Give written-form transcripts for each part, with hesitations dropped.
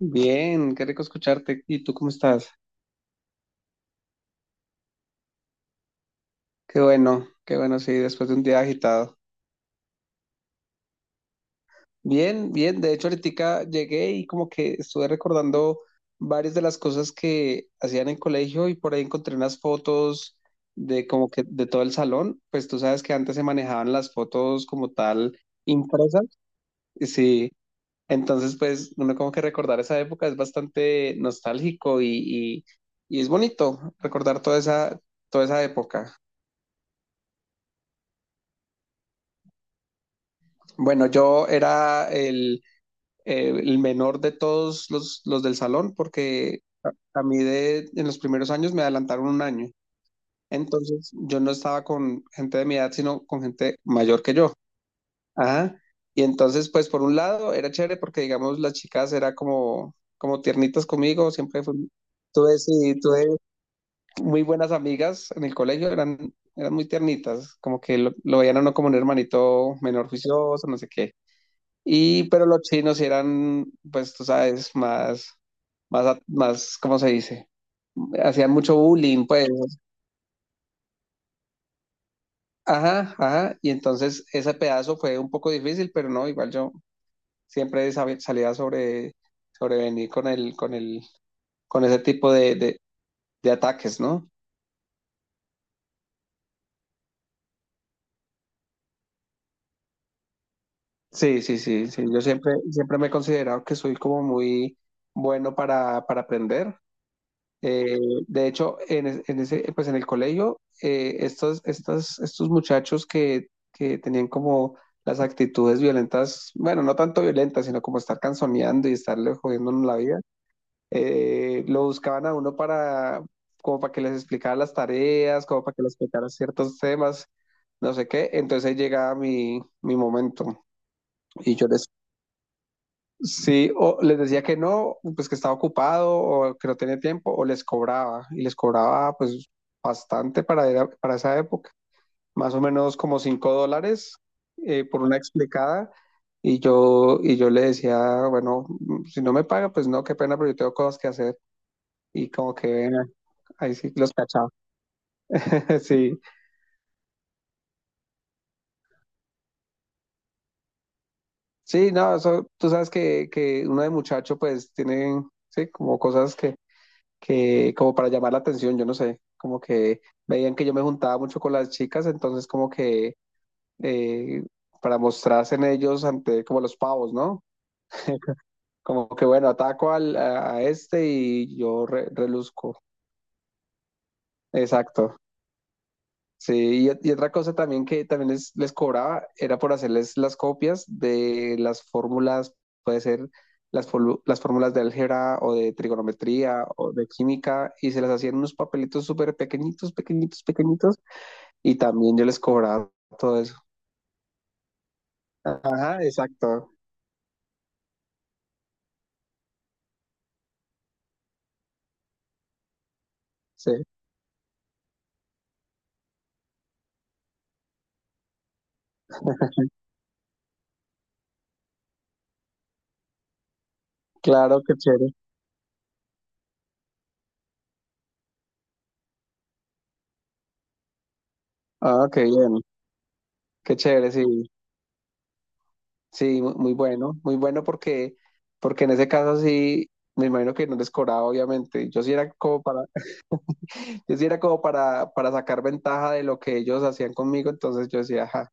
Bien, qué rico escucharte. ¿Y tú cómo estás? Qué bueno, sí, después de un día agitado. Bien, bien. De hecho, ahorita llegué y como que estuve recordando varias de las cosas que hacían en colegio y por ahí encontré unas fotos de como que de todo el salón. Pues tú sabes que antes se manejaban las fotos como tal impresas. Sí, entonces pues uno como que recordar esa época es bastante nostálgico y, y es bonito recordar toda esa época. Bueno, yo era el menor de todos los del salón porque a mí en los primeros años me adelantaron un año. Entonces yo no estaba con gente de mi edad, sino con gente mayor que yo. Ajá. Y entonces, pues por un lado era chévere porque, digamos, las chicas era como tiernitas conmigo, siempre tuve, sí, tuve muy buenas amigas en el colegio, eran muy tiernitas, como que lo veían a uno como un hermanito menor juicioso, no sé qué. Y, pero los chinos sí eran, pues tú sabes, más, ¿cómo se dice? Hacían mucho bullying, pues. Ajá, ajá. Y entonces ese pedazo fue un poco difícil, pero no, igual yo siempre salía sobrevenir con ese tipo de ataques, ¿no? Sí, sí, sí, sí. Yo siempre me he considerado que soy como muy bueno para aprender. Eh, de hecho, en, es- en ese, pues en el colegio, estos muchachos que tenían como las actitudes violentas, bueno, no tanto violentas, sino como estar canzoneando y estarle jodiendo a uno la vida, lo buscaban a uno para, como para que les explicara las tareas, como para que les explicara ciertos temas, no sé qué. Entonces ahí llegaba mi momento y yo les sí, o les decía que no, pues que estaba ocupado o que no tenía tiempo, o les cobraba, y les cobraba pues bastante para esa época, más o menos como $5 por una explicada, y yo le decía, bueno, si no me paga, pues no, qué pena, pero yo tengo cosas que hacer, y como que ahí sí los cachaba, sí, sí, no, eso, tú sabes que uno de muchacho pues tiene, sí, como cosas que como para llamar la atención, yo no sé, como que veían que yo me juntaba mucho con las chicas, entonces como que eh, para mostrarse en ellos ante como los pavos, ¿no? Como que bueno, ataco a este y yo reluzco. Exacto. Sí, y otra cosa también que también les cobraba era por hacerles las copias de las fórmulas, puede ser las fórmulas de álgebra o de trigonometría o de química, y se las hacían unos papelitos súper pequeñitos, pequeñitos, pequeñitos, y también yo les cobraba todo eso. Ajá, exacto. Sí, claro, qué chévere. Ah, qué bien, qué chévere, sí, sí, muy bueno, muy bueno porque en ese caso sí, me imagino que no les cobraba, obviamente. Yo sí era como para, yo sí era como para sacar ventaja de lo que ellos hacían conmigo, entonces yo decía, ajá,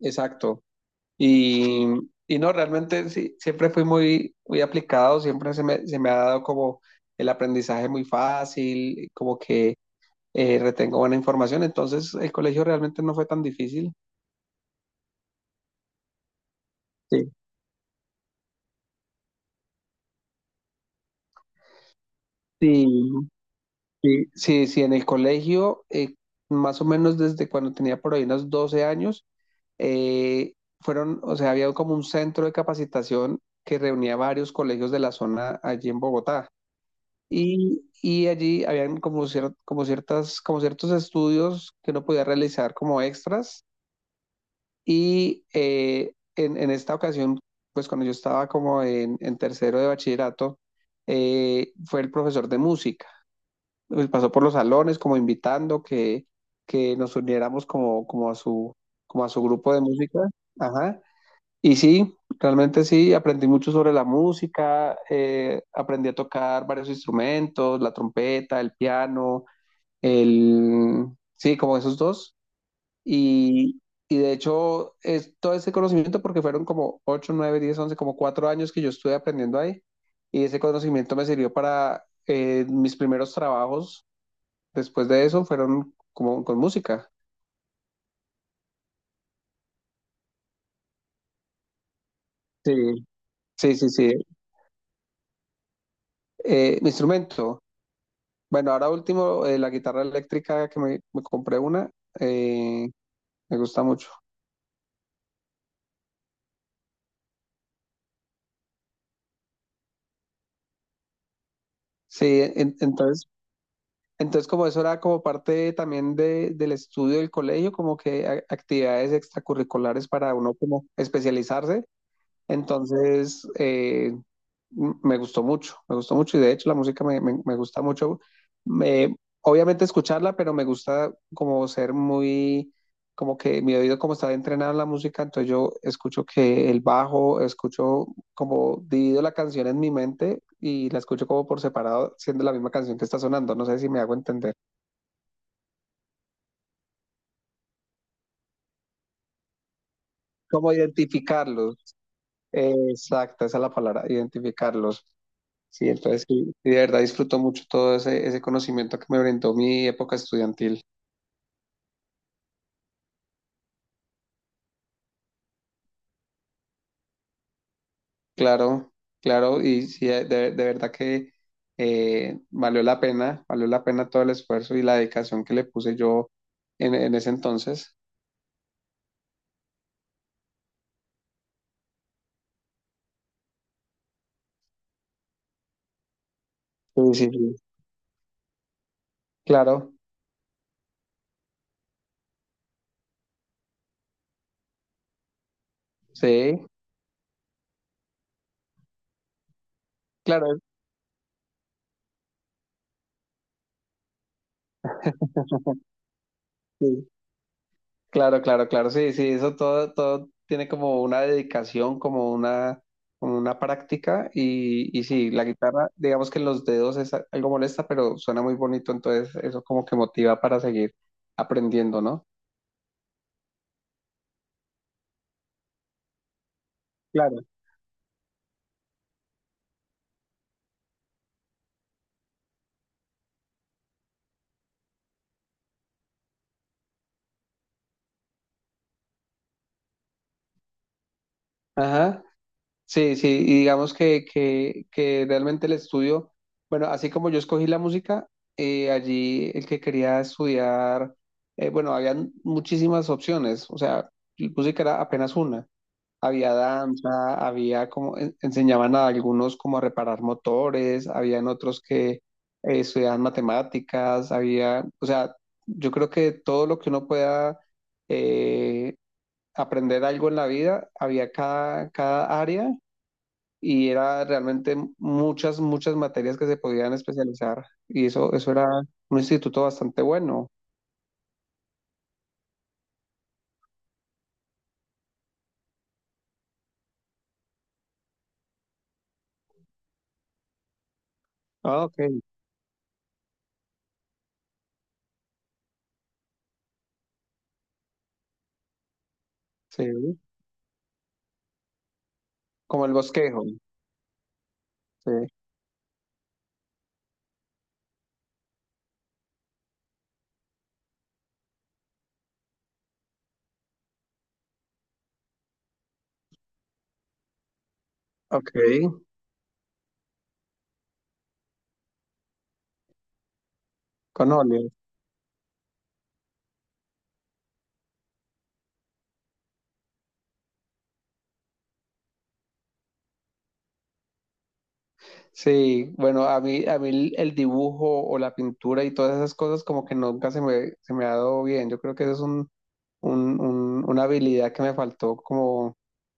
exacto. Y, y no, realmente sí, siempre fui muy, muy aplicado, siempre se me ha dado como el aprendizaje muy fácil, como que retengo buena información. Entonces, el colegio realmente no fue tan difícil. Sí, sí, sí, sí, sí, en el colegio, más o menos desde cuando tenía por ahí unos 12 años, eh, o sea, había como un centro de capacitación que reunía varios colegios de la zona allí en Bogotá. Y allí habían como ciertos estudios que uno podía realizar como extras. Y en esta ocasión, pues cuando yo estaba en tercero de bachillerato, fue el profesor de música. Pues pasó por los salones como invitando que nos uniéramos como a su grupo de música. Ajá. Y sí, realmente sí, aprendí mucho sobre la música, aprendí a tocar varios instrumentos, la trompeta, el piano, el... Sí, como esos dos. Y, y de hecho, es todo ese conocimiento, porque fueron como 8, 9, 10, 11 como 4 años que yo estuve aprendiendo ahí. Y ese conocimiento me sirvió para mis primeros trabajos. Después de eso fueron como con música. Sí, sí, sí, sí. Mi instrumento. Bueno, ahora último, la guitarra eléctrica que me compré una, eh, me gusta mucho. Sí, entonces, como eso era como parte también del estudio del colegio, como que actividades extracurriculares para uno como especializarse. Entonces, me gustó mucho y de hecho la música me gusta mucho. Me- Obviamente escucharla, pero me gusta como ser muy, como que mi oído como está entrenado en la música, entonces yo escucho que el bajo, escucho como divido la canción en mi mente y la escucho como por separado, siendo la misma canción que está sonando. No sé si me hago entender. Como identificarlos. Exacto, esa es la palabra, identificarlos. Sí, entonces sí, sí, de verdad disfruto mucho todo ese conocimiento que me brindó mi época estudiantil. Claro, claro, y sí, de verdad que valió la pena todo el esfuerzo y la dedicación que le puse yo en ese entonces. Sí, sí, sí. Claro, sí, claro, sí. Claro, claro, claro, sí, sí, eso todo tiene como una dedicación, como una práctica y sí, la guitarra, digamos que en los dedos es algo molesta, pero suena muy bonito, entonces eso como que motiva para seguir aprendiendo, ¿no? Claro. Ajá, sí, sí, y digamos que realmente el estudio, bueno, así como yo escogí la música, allí el que quería estudiar, bueno, habían muchísimas opciones, o sea, música era apenas una. Había danza, había enseñaban a algunos como a reparar motores, habían otros que estudiaban matemáticas, había, o sea, yo creo que todo lo que uno pueda eh, aprender algo en la vida, había cada área y era realmente muchas, muchas materias que se podían especializar y eso era un instituto bastante bueno. Ah, ok, sí, como el bosquejo, sí, ok, con óleo. Sí, bueno, a mí el dibujo o la pintura y todas esas cosas como que nunca se me ha dado bien. Yo creo que eso es una habilidad que me faltó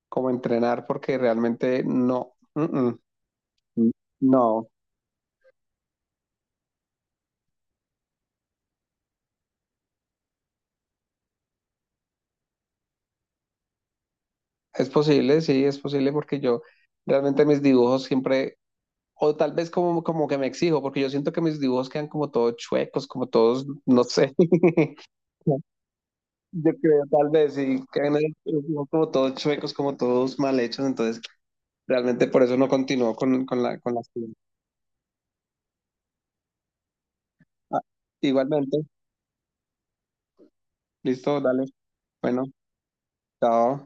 como entrenar porque realmente no, no. Es posible, sí, es posible porque yo realmente mis dibujos siempre, o tal vez como que me exijo, porque yo siento que mis dibujos quedan como todos chuecos, como todos, no sé. Yo creo, tal vez, sí, quedan como todos chuecos, como todos mal hechos, entonces realmente por eso no continuó con la... actividad. Ah, igualmente, listo, dale. Bueno, chao.